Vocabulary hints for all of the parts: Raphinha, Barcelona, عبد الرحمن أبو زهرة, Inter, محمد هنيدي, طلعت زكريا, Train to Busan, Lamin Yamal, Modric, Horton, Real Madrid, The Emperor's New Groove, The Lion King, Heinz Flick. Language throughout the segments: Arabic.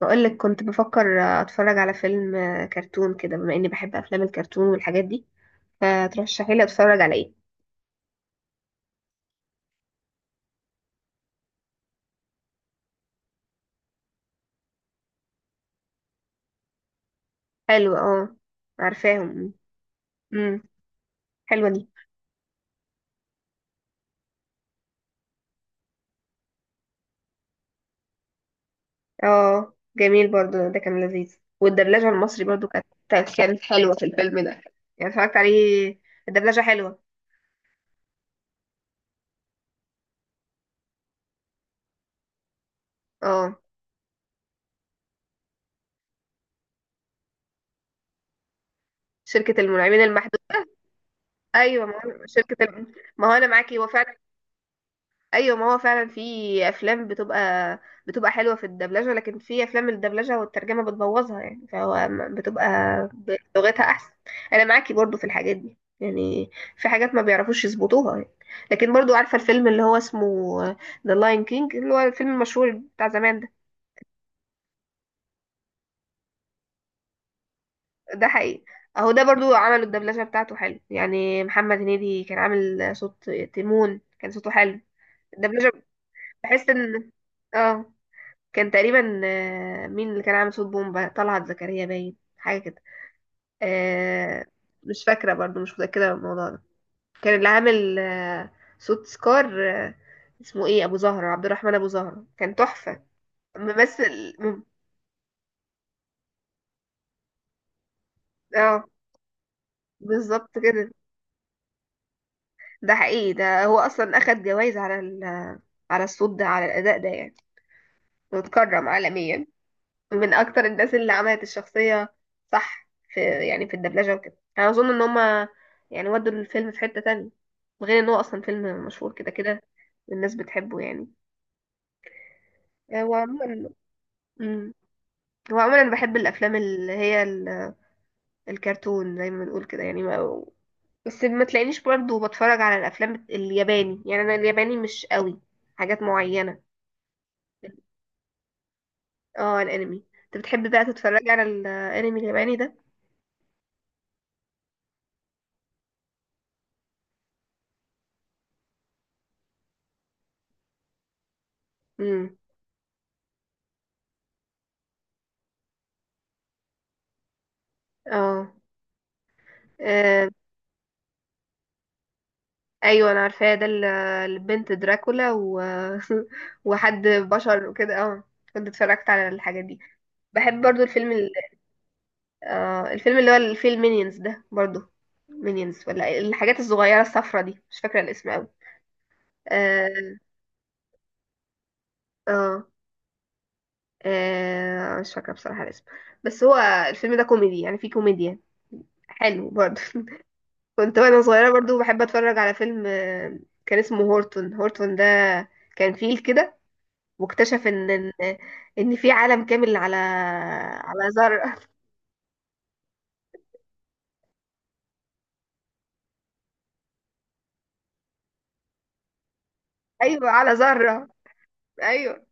بقولك كنت بفكر اتفرج على فيلم كرتون كده، بما اني بحب افلام الكرتون والحاجات دي، فترشحي لي اتفرج على ايه؟ حلو، اه، عارفاهم. امم. حلوه دي. اه، جميل برضو، ده كان لذيذ، والدبلجه المصري برضو كانت حلوه في الفيلم ده، يعني اتفرجت عليه، الدبلجه حلوه. اه، شركه المنعمين المحدود. ايوه، ما هو ما هو انا معاكي هو فعلا. ايوه، ما هو فعلا في افلام بتبقى حلوه في الدبلجه، لكن في افلام الدبلجه والترجمه بتبوظها، يعني فهو بتبقى بلغتها احسن. انا معاكي برضو في الحاجات دي يعني، في حاجات ما بيعرفوش يظبطوها يعني. لكن برضو عارفه الفيلم اللي هو اسمه ذا لاين كينج، اللي هو الفيلم المشهور بتاع زمان ده. ده حقيقي، اهو ده برضو عملوا الدبلجه بتاعته حلو يعني، محمد هنيدي كان عامل صوت تيمون، كان صوته حلو. الدبلجه، بحس ان اه كان تقريبا، مين اللي كان عامل صوت بومبا؟ طلعت زكريا باين حاجة كده. آه، مش فاكرة برضو، مش متأكدة من الموضوع ده. كان اللي عامل صوت سكار، اسمه ايه؟ أبو زهرة، عبد الرحمن أبو زهرة كان تحفة. ممثل اه، بالظبط كده. ده حقيقي، ده هو أصلا أخد جوائز على الصوت ده، على الأداء ده يعني، واتكرم عالميا. من اكتر الناس اللي عملت الشخصية. صح، يعني في الدبلجة وكده، انا اظن ان هما يعني ودوا الفيلم في حتة تانية، غير ان هو اصلا فيلم مشهور كده كده. الناس بتحبه يعني. هو عموما مم. هو عموما انا بحب الافلام اللي هي الكرتون زي ما بنقول كده يعني ما... بس ما تلاقينيش برضو بتفرج على الافلام الياباني، يعني انا الياباني مش قوي، حاجات معينة. اه، الانمي، انت بتحب بقى تتفرج على الانمي الياباني ده؟ امم. اه. آه، ايوه، انا عارفاه ده، البنت دراكولا و... وحد بشر وكده، اه، كنت اتفرجت على الحاجات دي. بحب برضو الفيلم ال... آه الفيلم اللي هو اللي فيه المينيونز ده برضو. مينيونز، ولا الحاجات الصغيره الصفرة دي، مش فاكره الاسم قوي. اه، اه، مش فاكره بصراحه الاسم. بس هو الفيلم ده كوميدي، يعني فيه كوميديا حلو برضو. كنت وانا صغيره برضو بحب اتفرج على فيلم، كان اسمه هورتون. هورتون ده كان فيل كده، واكتشف ان ان إن في عالم كامل على ذرة. ايوه، على ذرة. ايوه،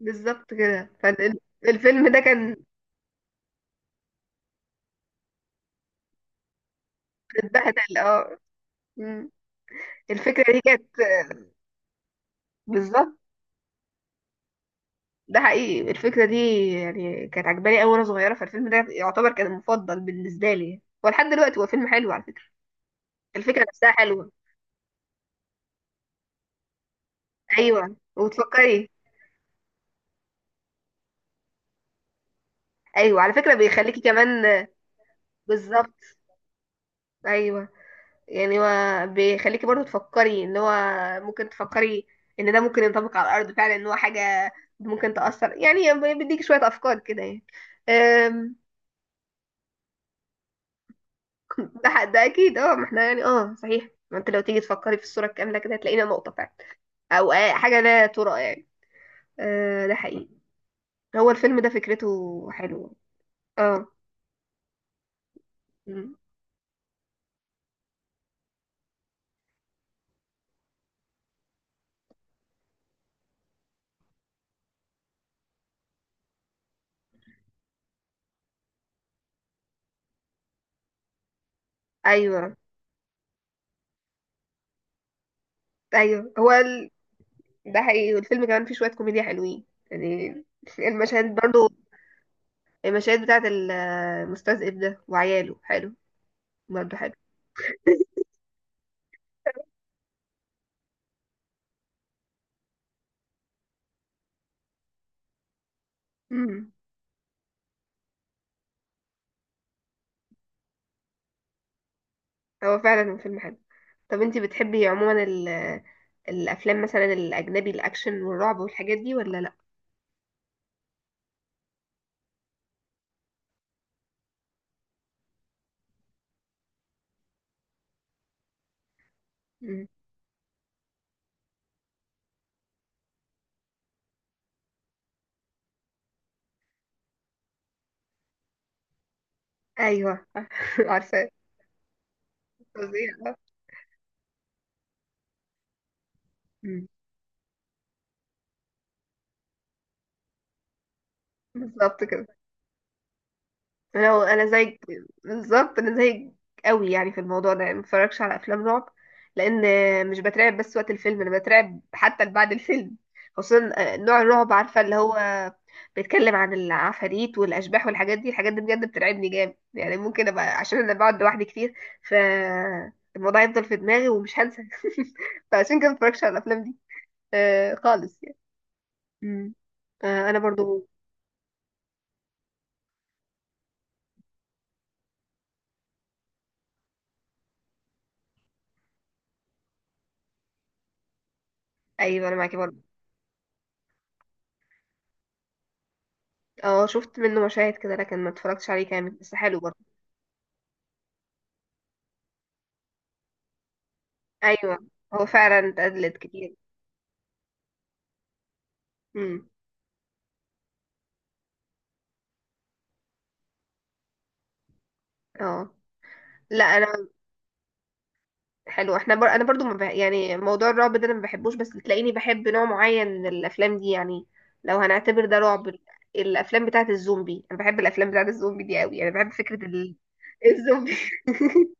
بالظبط كده. فالفيلم ده كان اتبهدل، اه. مم. الفكرة دي كانت بالظبط. ده حقيقي، الفكرة دي يعني كانت عجباني أوي وأنا صغيرة، فالفيلم ده يعتبر كان المفضل بالنسبة لي، ولحد دلوقتي هو فيلم حلو على فكرة. الفكرة نفسها حلوة. أيوه، وتفكري. أيوه، على فكرة بيخليكي كمان. بالظبط. أيوه، يعني هو بيخليكي برضو تفكري ان هو ممكن تفكري ان ده ممكن ينطبق على الارض فعلا، ان هو حاجه ممكن تاثر، يعني بيديك شويه افكار كده يعني. أم، ده اكيد، اه، ما احنا يعني، اه، صحيح، ما انت لو تيجي تفكري في الصوره الكامله كده هتلاقينا نقطه فعلا، او حاجه لا ترى يعني. أه، ده حقيقي. هو الفيلم ده فكرته حلوه. اه. أمم. ايوه، ايوه. ده حقيقي، والفيلم كمان فيه شويه كوميديا حلوين يعني. المشاهد برضو، المشاهد بتاعت المستذئب ده وعياله حلو. برضه حلو. مم. هو فعلا فيلم حلو. طب انتي بتحبي عموما الافلام مثلا الاجنبي، الاكشن والرعب والحاجات دي، ولا لا؟ مم. ايوه. عارفه، فظيع. مم. بالظبط كده. لو انا زيك، بالظبط انا زيك قوي يعني في الموضوع ده، يعني ما بتفرجش على افلام رعب، لان مش بترعب بس وقت الفيلم، انا بترعب حتى بعد الفيلم. خصوصا نوع الرعب، عارفه اللي هو بيتكلم عن العفاريت والاشباح والحاجات دي. الحاجات دي بجد بترعبني جامد، يعني ممكن ابقى، عشان انا بقعد لوحدي كتير، ف الموضوع يفضل في دماغي ومش هنسى. فعشان كده ما بتفرجش على الافلام دي، خالص يعني. مم. انا برضو. ايوه، انا معاكي برضو. اه، شفت منه مشاهد كده، لكن ما اتفرجتش عليه كامل، بس حلو برضه. ايوه، هو فعلا اتقلد كتير. امم. اه. لا، انا حلو، احنا انا برضو ما بح... يعني موضوع الرعب ده انا ما بحبوش، بس تلاقيني بحب نوع معين من الافلام دي يعني. لو هنعتبر ده رعب، الافلام بتاعه الزومبي، انا بحب الافلام بتاعه الزومبي دي قوي، انا بحب فكره الزومبي.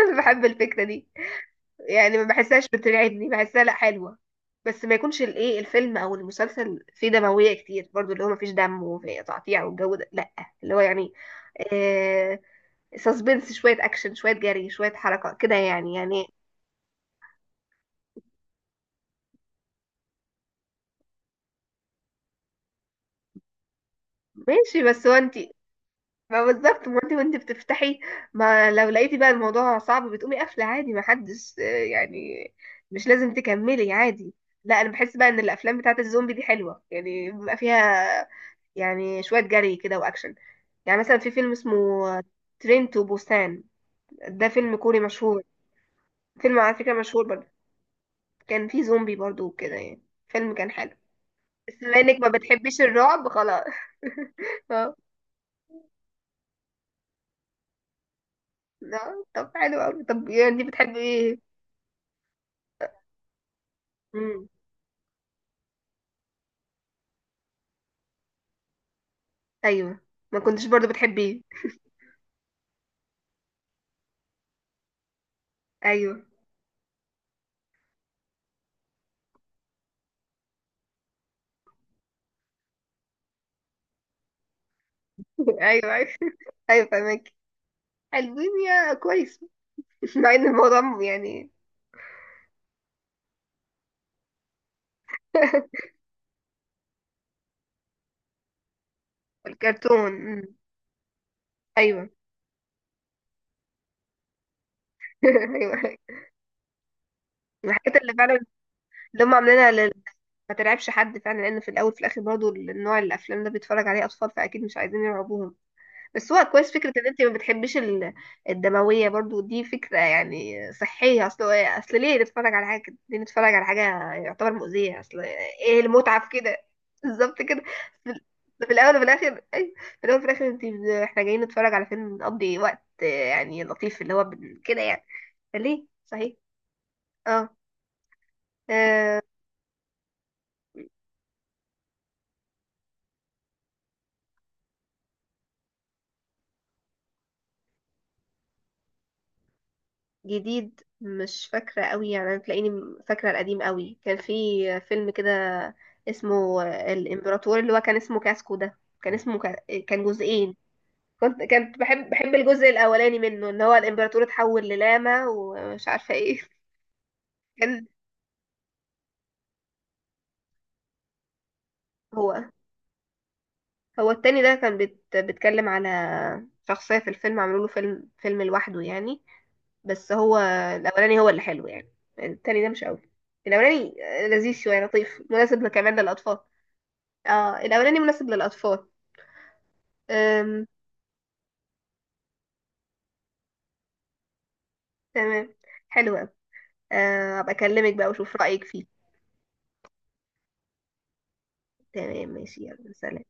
انا بحب الفكره دي، يعني ما بحسهاش بترعبني، بحسها لا حلوة. بس ما يكونش الايه، الفيلم او المسلسل فيه دموية كتير برضو، اللي هو ما فيش دم وفي تقطيع والجو ده، لا. اللي هو يعني، آه سسبنس، شوية اكشن، شوية جري، شوية حركة كده يعني ماشي، بس هو انت، ما بالظبط، ما انت وانت بتفتحي، ما لو لقيتي بقى الموضوع صعب بتقومي قافلة عادي، ما حدش، يعني. مش لازم تكملي عادي. لا، انا بحس بقى ان الافلام بتاعت الزومبي دي حلوة، يعني بيبقى فيها يعني شوية جري كده وأكشن، يعني مثلا في فيلم اسمه ترين تو بوسان، ده فيلم كوري مشهور، فيلم على فكرة مشهور برضه، كان فيه زومبي برضه وكده يعني، فيلم كان حلو. بس بما انك ما بتحبيش الرعب خلاص. اه. طب حلو أوي، طب يعني انت بتحبي ايه؟ مم. ايوه، ما كنتش برضه بتحبيه. ايوه. ايوه، ايوه، ايوه، فاهمك. حلوين يا كويس. مع ان الموضوع يعني. الكرتون. مم. ايوه. ايوه، الحاجات اللي فعلا اللي هم عاملينها لل... ما ترعبش حد فعلا، لان في الاول في الاخر برضو النوع الافلام ده بيتفرج عليه اطفال، فاكيد مش عايزين يرعبوهم. بس هو كويس فكره ان انت ما بتحبيش الدمويه برضو، دي فكره يعني صحيه، اصل ليه نتفرج على حاجه كده؟ ليه نتفرج على حاجه يعتبر مؤذيه، اصل ايه المتعه في كده؟ بالظبط كده. في في الاول وفي الاخر، أيوة. في الاول وفي الاخر، احنا جايين نتفرج على فيلم، نقضي وقت، يعني لطيف، اللي هو كده يعني، فليه؟ صحيح، اه. آه، جديد مش فاكرة قوي يعني، أنا تلاقيني فاكرة القديم قوي. كان في فيلم كده اسمه الإمبراطور، اللي هو كان اسمه كاسكو، ده كان اسمه كان جزئين. كنت بحب الجزء الأولاني منه، إن هو الإمبراطور اتحول للاما ومش عارفة إيه. كان، هو هو التاني ده كان بيتكلم على شخصية في الفيلم، عملوا له فيلم، فيلم لوحده يعني. بس هو الأولاني هو اللي حلو يعني، التاني ده مش قوي، الأولاني لذيذ شوية لطيف مناسب كمان للأطفال. اه، الاولاني مناسب للاطفال. أم. تمام. حلو أوي. ابقى اكلمك بقى واشوف رايك فيه. تمام. ماشي، يلا سلام.